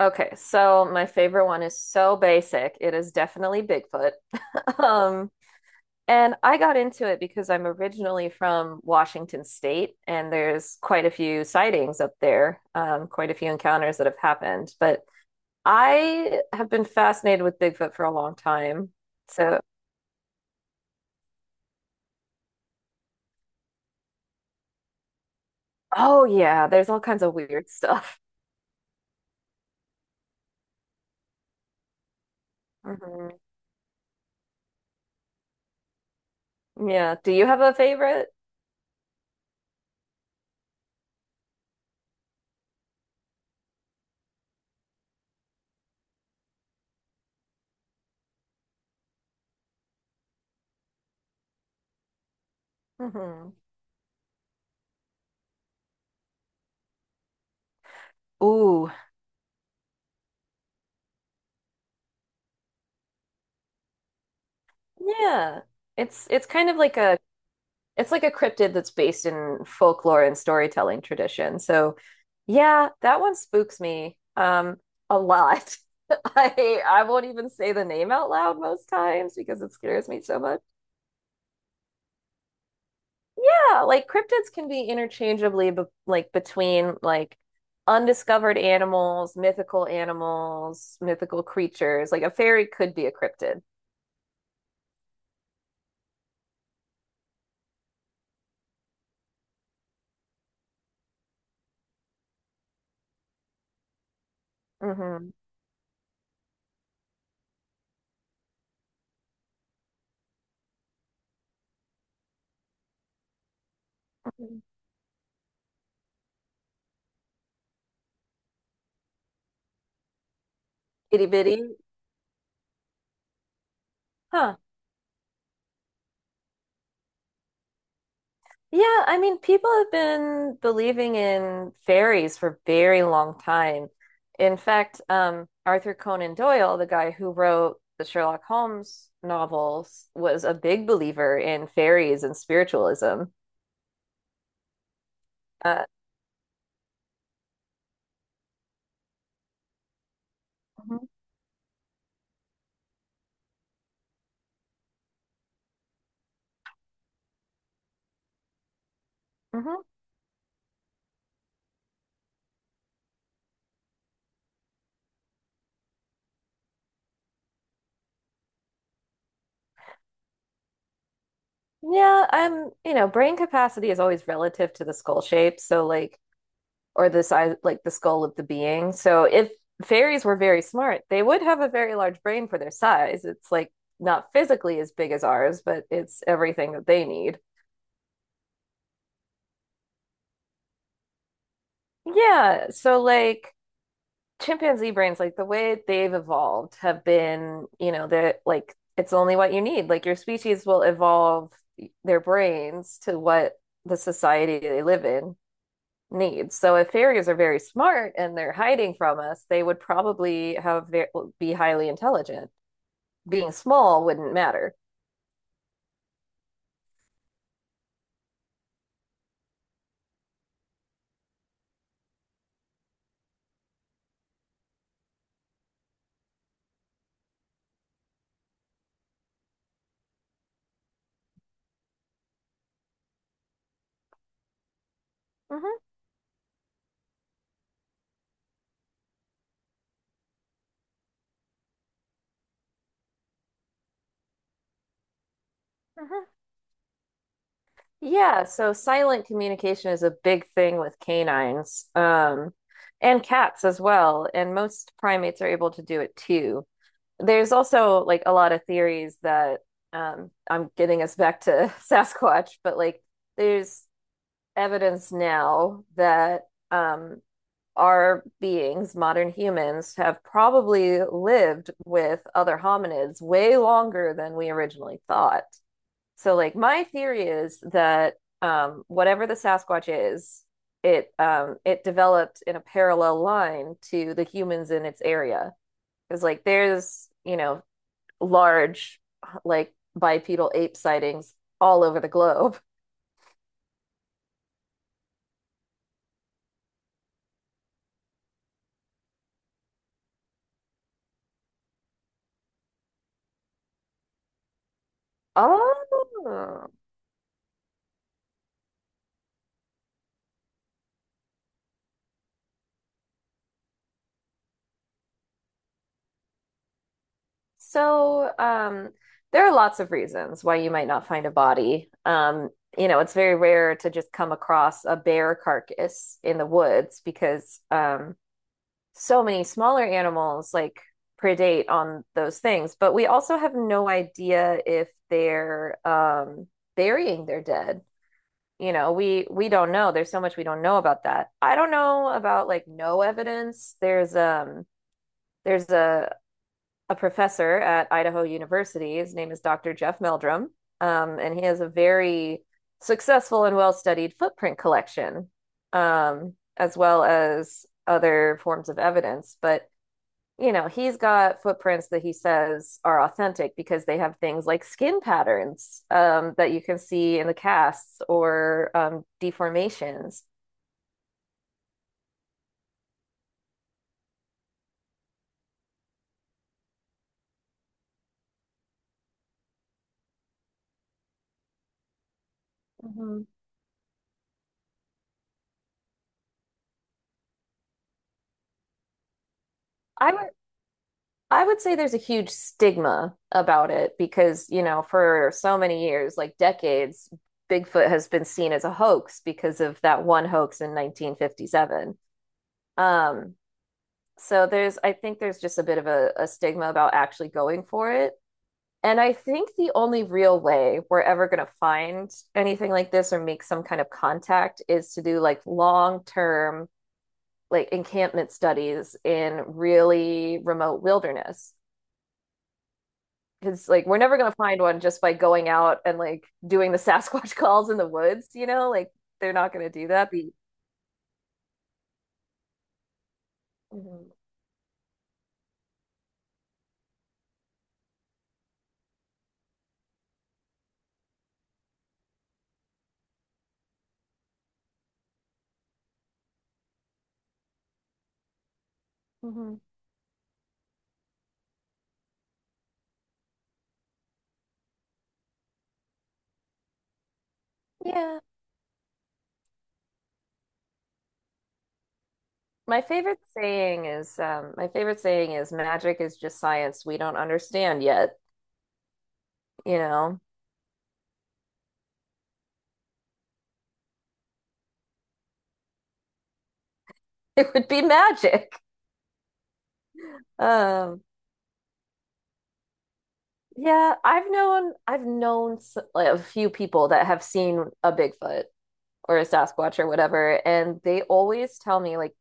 Okay, so my favorite one is so basic. It is definitely Bigfoot. Um, and I got into it because I'm originally from Washington State, and there's quite a few sightings up there, quite a few encounters that have happened. But I have been fascinated with Bigfoot for a long time. So, oh yeah, there's all kinds of weird stuff. Mhm. Yeah. Do you have a favorite? hmm Ooh, yeah. It's kind of like a it's like a cryptid that's based in folklore and storytelling tradition. So yeah, that one spooks me a lot. I won't even say the name out loud most times because it scares me so much. Yeah, like cryptids can be interchangeably like between like undiscovered animals, mythical creatures. Like a fairy could be a cryptid. Mm-hmm. Mm-hmm. Itty bitty. Huh. Yeah, I mean, people have been believing in fairies for a very long time. In fact, Arthur Conan Doyle, the guy who wrote the Sherlock Holmes novels, was a big believer in fairies and spiritualism. Uh, Mhm. mhm. Yeah, you know, brain capacity is always relative to the skull shape. So, like, or the size like the skull of the being. So if fairies were very smart, they would have a very large brain for their size. It's like not physically as big as ours, but it's everything that they need. Yeah, so like chimpanzee brains, like the way they've evolved have been, you know, they're like it's only what you need. Like your species will evolve their brains to what the society they live in needs. So if fairies are very smart and they're hiding from us, they would probably be highly intelligent. Being small wouldn't matter. Hmm hmm Yeah, so silent communication is a big thing with canines, and cats as well, and most primates are able to do it too. There's also like a lot of theories that I'm getting us back to Sasquatch, but like there's evidence now that um, our beings, modern humans, have probably lived with other hominids way longer than we originally thought. So, like, my theory is that whatever the Sasquatch is, it it developed in a parallel line to the humans in its area. Because, like, there's you know large like bipedal ape sightings all over the globe. Oh, So, um, there are lots of reasons why you might not find a body. You know, it's very rare to just come across a bear carcass in the woods because so many smaller animals like predate on those things. But we also have no idea if they're burying their dead. You know, we don't know. There's so much we don't know about that. I don't know about like no evidence. There's a professor at Idaho University. His name is Dr. Jeff Meldrum, and he has a very successful and well studied footprint collection, as well as other forms of evidence. But you know, he's got footprints that he says are authentic because they have things like skin patterns that you can see in the casts or deformations. Mhm. I would I would say there's a huge stigma about it because, you know, for so many years, like decades, Bigfoot has been seen as a hoax because of that one hoax in 1957. Um, so there's, I think there's just a bit of a stigma about actually going for it. And I think the only real way we're ever going to find anything like this or make some kind of contact is to do like long term, like encampment studies in really remote wilderness because like we're never gonna find one just by going out and like doing the Sasquatch calls in the woods, you know? Like they're not gonna do that. The- Mhm. Mhm. Yeah. My favorite saying is magic is just science we don't understand yet, you know. It would be magic. Um yeah, I've known like, a few people that have seen a Bigfoot or a Sasquatch or whatever, and they always tell me like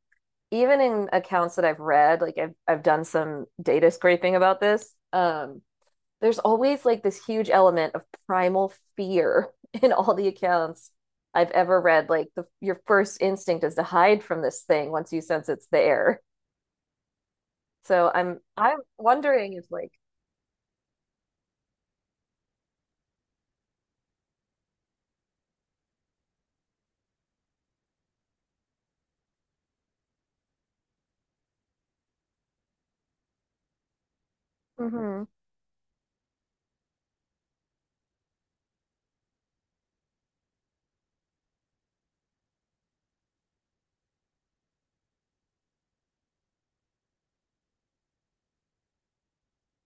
even in accounts that I've read, like I've done some data scraping about this, there's always like this huge element of primal fear in all the accounts I've ever read. Like the your first instinct is to hide from this thing once you sense it's there. So I'm wondering if like Mhm.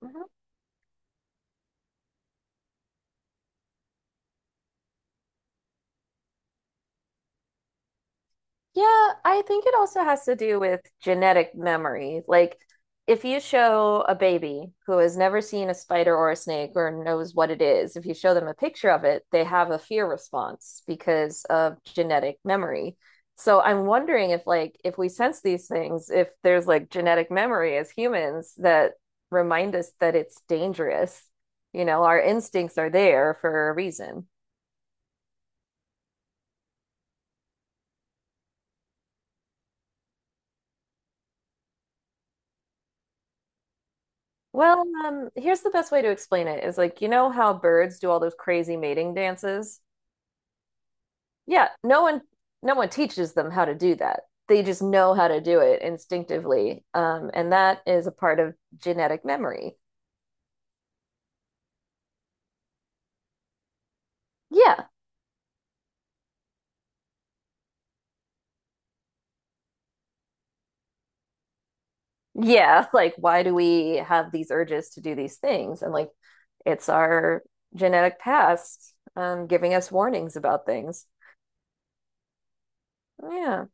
Mhm. Yeah, I think it also has to do with genetic memory. Like, if you show a baby who has never seen a spider or a snake or knows what it is, if you show them a picture of it, they have a fear response because of genetic memory. So I'm wondering if, like, if we sense these things, if there's like genetic memory as humans that remind us that it's dangerous. You know, our instincts are there for a reason. Well, here's the best way to explain it is like, you know how birds do all those crazy mating dances? Yeah, no one teaches them how to do that. They just know how to do it instinctively. And that is a part of genetic memory. Yeah. Yeah, like why do we have these urges to do these things? And like it's our genetic past giving us warnings about things. Yeah.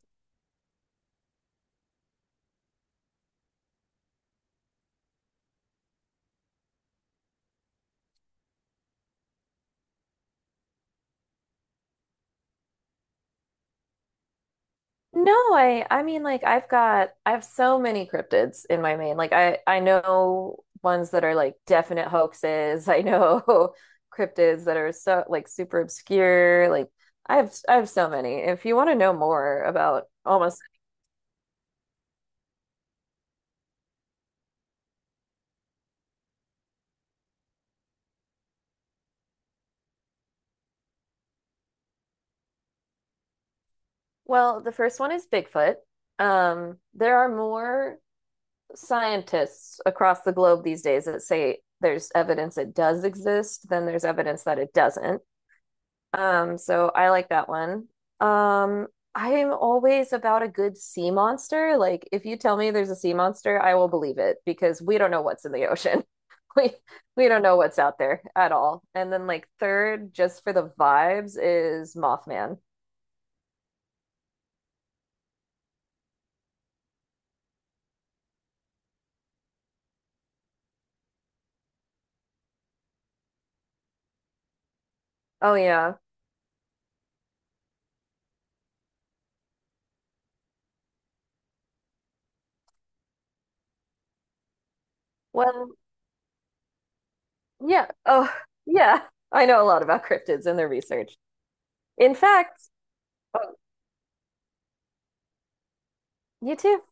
No, I mean like I have so many cryptids in my main. Like I know ones that are like definite hoaxes. I know cryptids that are so like super obscure. Like I have so many. If you want to know more about almost well, the first one is Bigfoot. There are more scientists across the globe these days that say there's evidence it does exist than there's evidence that it doesn't. So I like that one. Um, I am always about a good sea monster. Like, if you tell me there's a sea monster, I will believe it because we don't know what's in the ocean. We we don't know what's out there at all. And then like third, just for the vibes, is Mothman. Oh yeah. Well, yeah. Oh yeah. I know a lot about cryptids and their research. In fact, oh, you too.